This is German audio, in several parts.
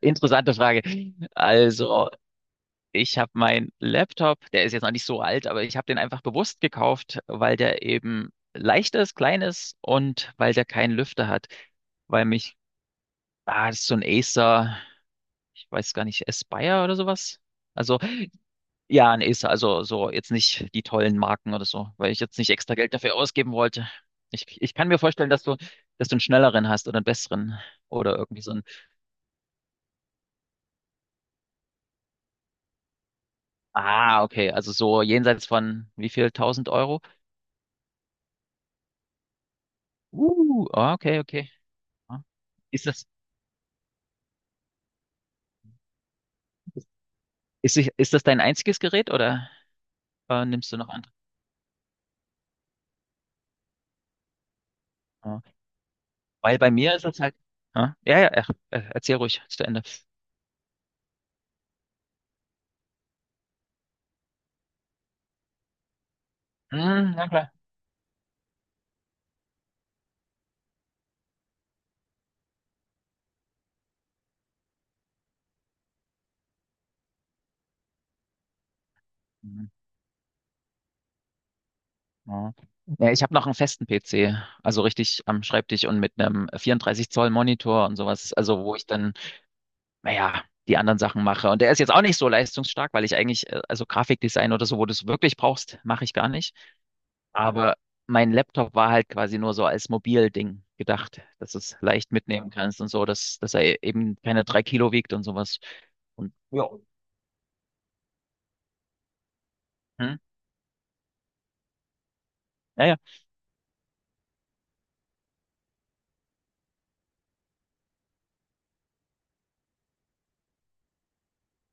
Interessante Frage. Also, ich habe meinen Laptop, der ist jetzt noch nicht so alt, aber ich habe den einfach bewusst gekauft, weil der eben leicht ist, klein ist und weil der keinen Lüfter hat. Weil mich, das ist so ein Acer, ich weiß gar nicht, Aspire oder sowas. Also, ja, ein Acer, also so jetzt nicht die tollen Marken oder so, weil ich jetzt nicht extra Geld dafür ausgeben wollte. Ich kann mir vorstellen, dass du einen schnelleren hast oder einen besseren oder irgendwie so ein, okay, also so jenseits von wie viel, tausend Euro? Okay, okay. Ah. Ist das, ist, ist das dein einziges Gerät oder nimmst du noch andere? Ah. Weil bei mir ist das halt. Ah, ja, ja, ach, erzähl ruhig zu Ende. Hm, na klar. Hm, ja, ja, ich habe noch einen festen PC, also richtig am Schreibtisch und mit einem 34 Zoll Monitor und sowas, also wo ich dann, naja, die anderen Sachen mache. Und der ist jetzt auch nicht so leistungsstark, weil ich eigentlich, also Grafikdesign oder so, wo du es wirklich brauchst, mache ich gar nicht. Aber mein Laptop war halt quasi nur so als Mobilding gedacht, dass du es leicht mitnehmen kannst und so, dass er eben keine drei Kilo wiegt und sowas. Und ja, hm? Ja, ja,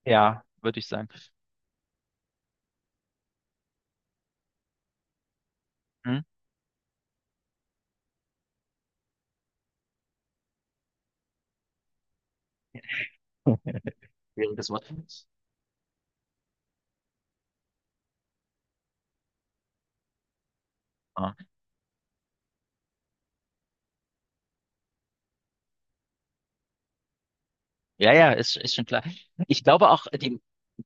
ja, würde ich sagen. Hm? Schwieriges Wort. Ah. Ja, ja, ist schon klar. Ich glaube auch, die,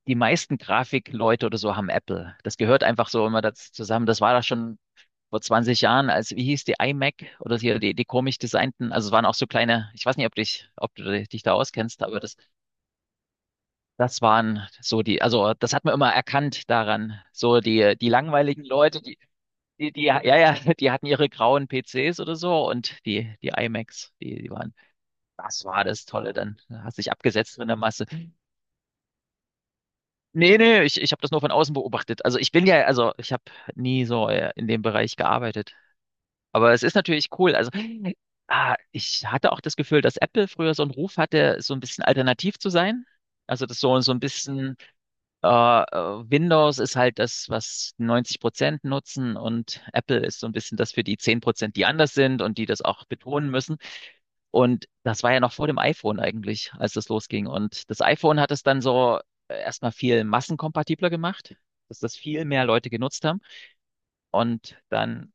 die meisten Grafikleute oder so haben Apple. Das gehört einfach so immer dazu zusammen. Das war da schon vor 20 Jahren, als, wie hieß die iMac oder hier die, die komisch designten, also es waren auch so kleine, ich weiß nicht, ob dich, ob du dich da auskennst, aber das, das waren so die, also das hat man immer erkannt daran. So die, die langweiligen Leute, ja, ja, die hatten ihre grauen PCs oder so und die, die iMacs, die, die waren, das war das Tolle, dann hast du dich abgesetzt in der Masse. Nee, nee, ich habe das nur von außen beobachtet. Also ich bin ja, also ich habe nie so in dem Bereich gearbeitet. Aber es ist natürlich cool. Also ich hatte auch das Gefühl, dass Apple früher so einen Ruf hatte, so ein bisschen alternativ zu sein. Also das so, so ein bisschen. Windows ist halt das, was 90% nutzen und Apple ist so ein bisschen das für die 10%, die anders sind und die das auch betonen müssen. Und das war ja noch vor dem iPhone eigentlich, als das losging. Und das iPhone hat es dann so erstmal viel massenkompatibler gemacht, dass das viel mehr Leute genutzt haben. Und dann,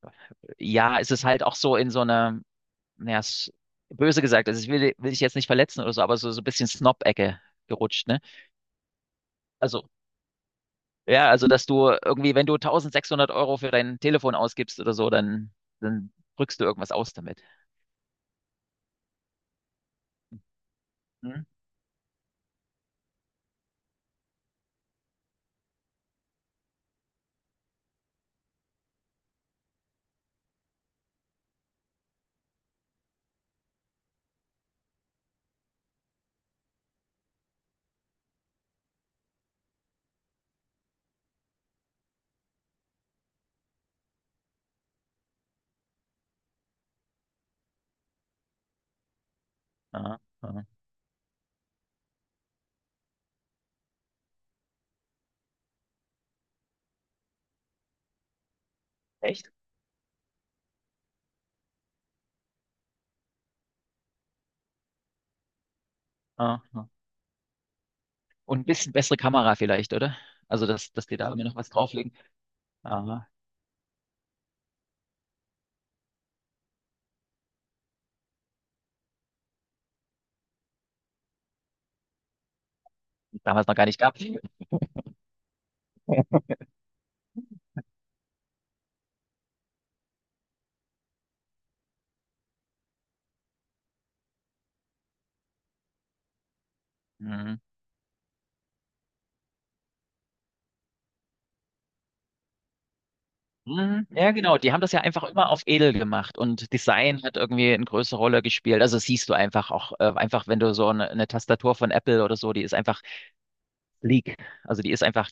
ja, ist es halt auch so in so einer, naja, böse gesagt, also will ich jetzt nicht verletzen oder so, aber so, so ein bisschen Snob-Ecke gerutscht, ne? Also ja, also dass du irgendwie, wenn du 1600 Euro für dein Telefon ausgibst oder so, dann drückst du irgendwas aus damit. Hm? Aha, aha. Echt? Aha. Und ein bisschen bessere Kamera vielleicht, oder? Also, dass die da irgendwie noch was drauflegen. Aha. Damals noch gar nicht gab. Mhm. Mhm. Ja, genau. Die haben das ja einfach immer auf edel gemacht und Design hat irgendwie eine größere Rolle gespielt. Also das siehst du einfach auch, einfach wenn du so eine Tastatur von Apple oder so, die ist einfach sleek. Also die ist einfach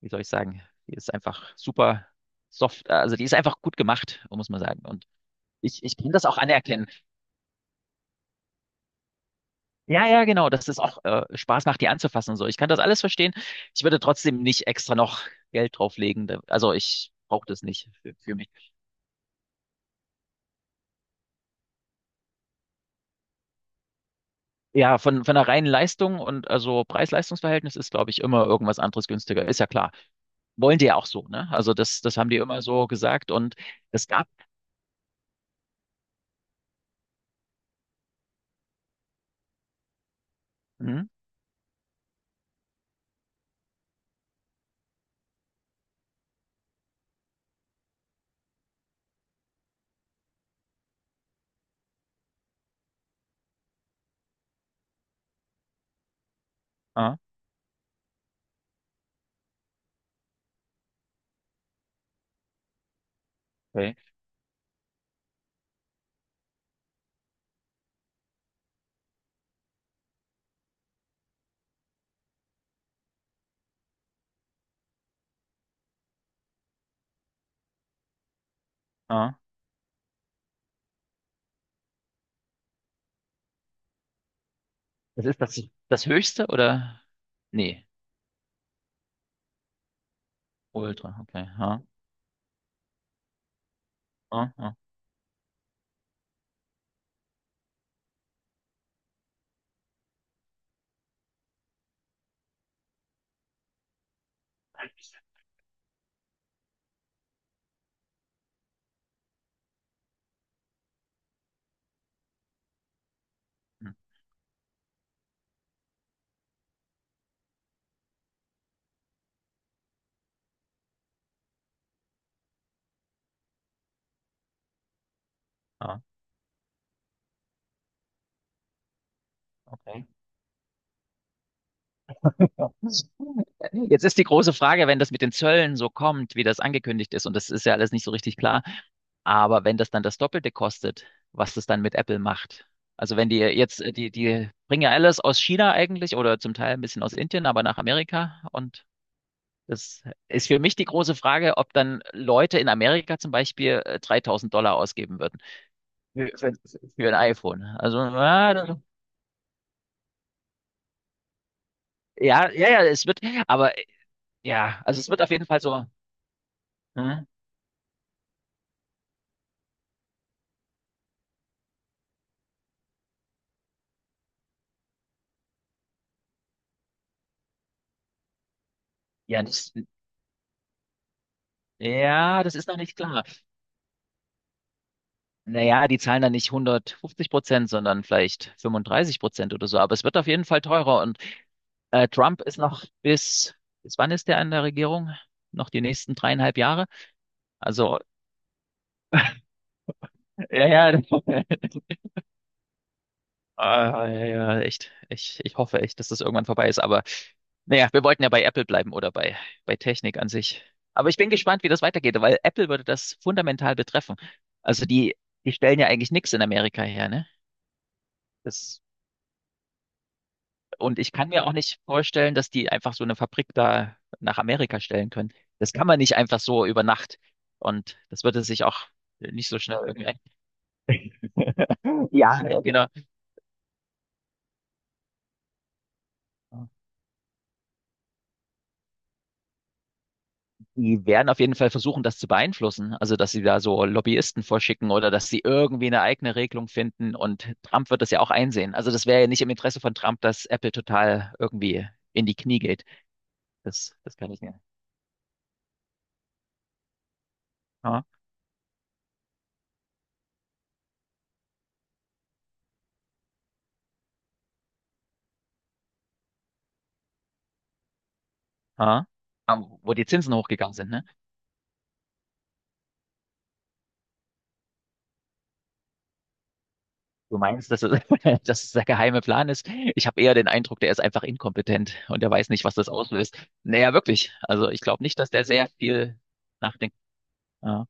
wie soll ich sagen, die ist einfach super soft, also die ist einfach gut gemacht, muss man sagen. Und ich kann das auch anerkennen. Ja, ja, genau, dass es auch Spaß macht, die anzufassen und so. Ich kann das alles verstehen. Ich würde trotzdem nicht extra noch Geld drauflegen. Da- Also ich brauche das nicht für, für mich. Ja, von der reinen Leistung und also Preis-Leistungs-Verhältnis ist, glaube ich, immer irgendwas anderes günstiger. Ist ja klar. Wollen die ja auch so, ne? Also das, das haben die immer so gesagt und es gab. Hm? Ah, okay. Ah. Das ist das, das höchste oder? Nee, Ultra, okay. Ha, ha, ha. Hm, ha, okay. Jetzt ist die große Frage, wenn das mit den Zöllen so kommt, wie das angekündigt ist, und das ist ja alles nicht so richtig klar, aber wenn das dann das Doppelte kostet, was das dann mit Apple macht. Also wenn die jetzt, die, die bringen ja alles aus China eigentlich oder zum Teil ein bisschen aus Indien, aber nach Amerika. Und das ist für mich die große Frage, ob dann Leute in Amerika zum Beispiel 3000 $ ausgeben für, für ein iPhone. Also, ja, das, ja, ja, ja, es wird, aber ja, also es wird auf jeden Fall so. Hm? Ja, das, ja, das ist noch nicht klar. Naja, die zahlen dann nicht 150%, sondern vielleicht 35% oder so. Aber es wird auf jeden Fall teurer. Und Trump ist noch bis, bis wann ist der an der Regierung? Noch die nächsten 3,5 Jahre? Also, ja, ja, ah, ja, ja, ja, echt. Ich hoffe echt, dass das irgendwann vorbei ist. Aber naja, wir wollten ja bei Apple bleiben oder bei, bei Technik an sich. Aber ich bin gespannt, wie das weitergeht, weil Apple würde das fundamental betreffen. Also die, die stellen ja eigentlich nichts in Amerika her, ne? Das, und ich kann mir auch nicht vorstellen, dass die einfach so eine Fabrik da nach Amerika stellen können. Das kann man nicht einfach so über Nacht. Und das würde sich auch nicht so schnell irgendwie. Ja, genau. Die werden auf jeden Fall versuchen, das zu beeinflussen. Also, dass sie da so Lobbyisten vorschicken oder dass sie irgendwie eine eigene Regelung finden. Und Trump wird das ja auch einsehen. Also, das wäre ja nicht im Interesse von Trump, dass Apple total irgendwie in die Knie geht. Das, das kann ich nicht. Ha, ha. Ah, wo die Zinsen hochgegangen sind, ne? Du meinst, dass es, dass es der geheime Plan ist? Ich habe eher den Eindruck, der ist einfach inkompetent und der weiß nicht, was das auslöst. Naja, wirklich. Also ich glaube nicht, dass der sehr viel nachdenkt. Ja.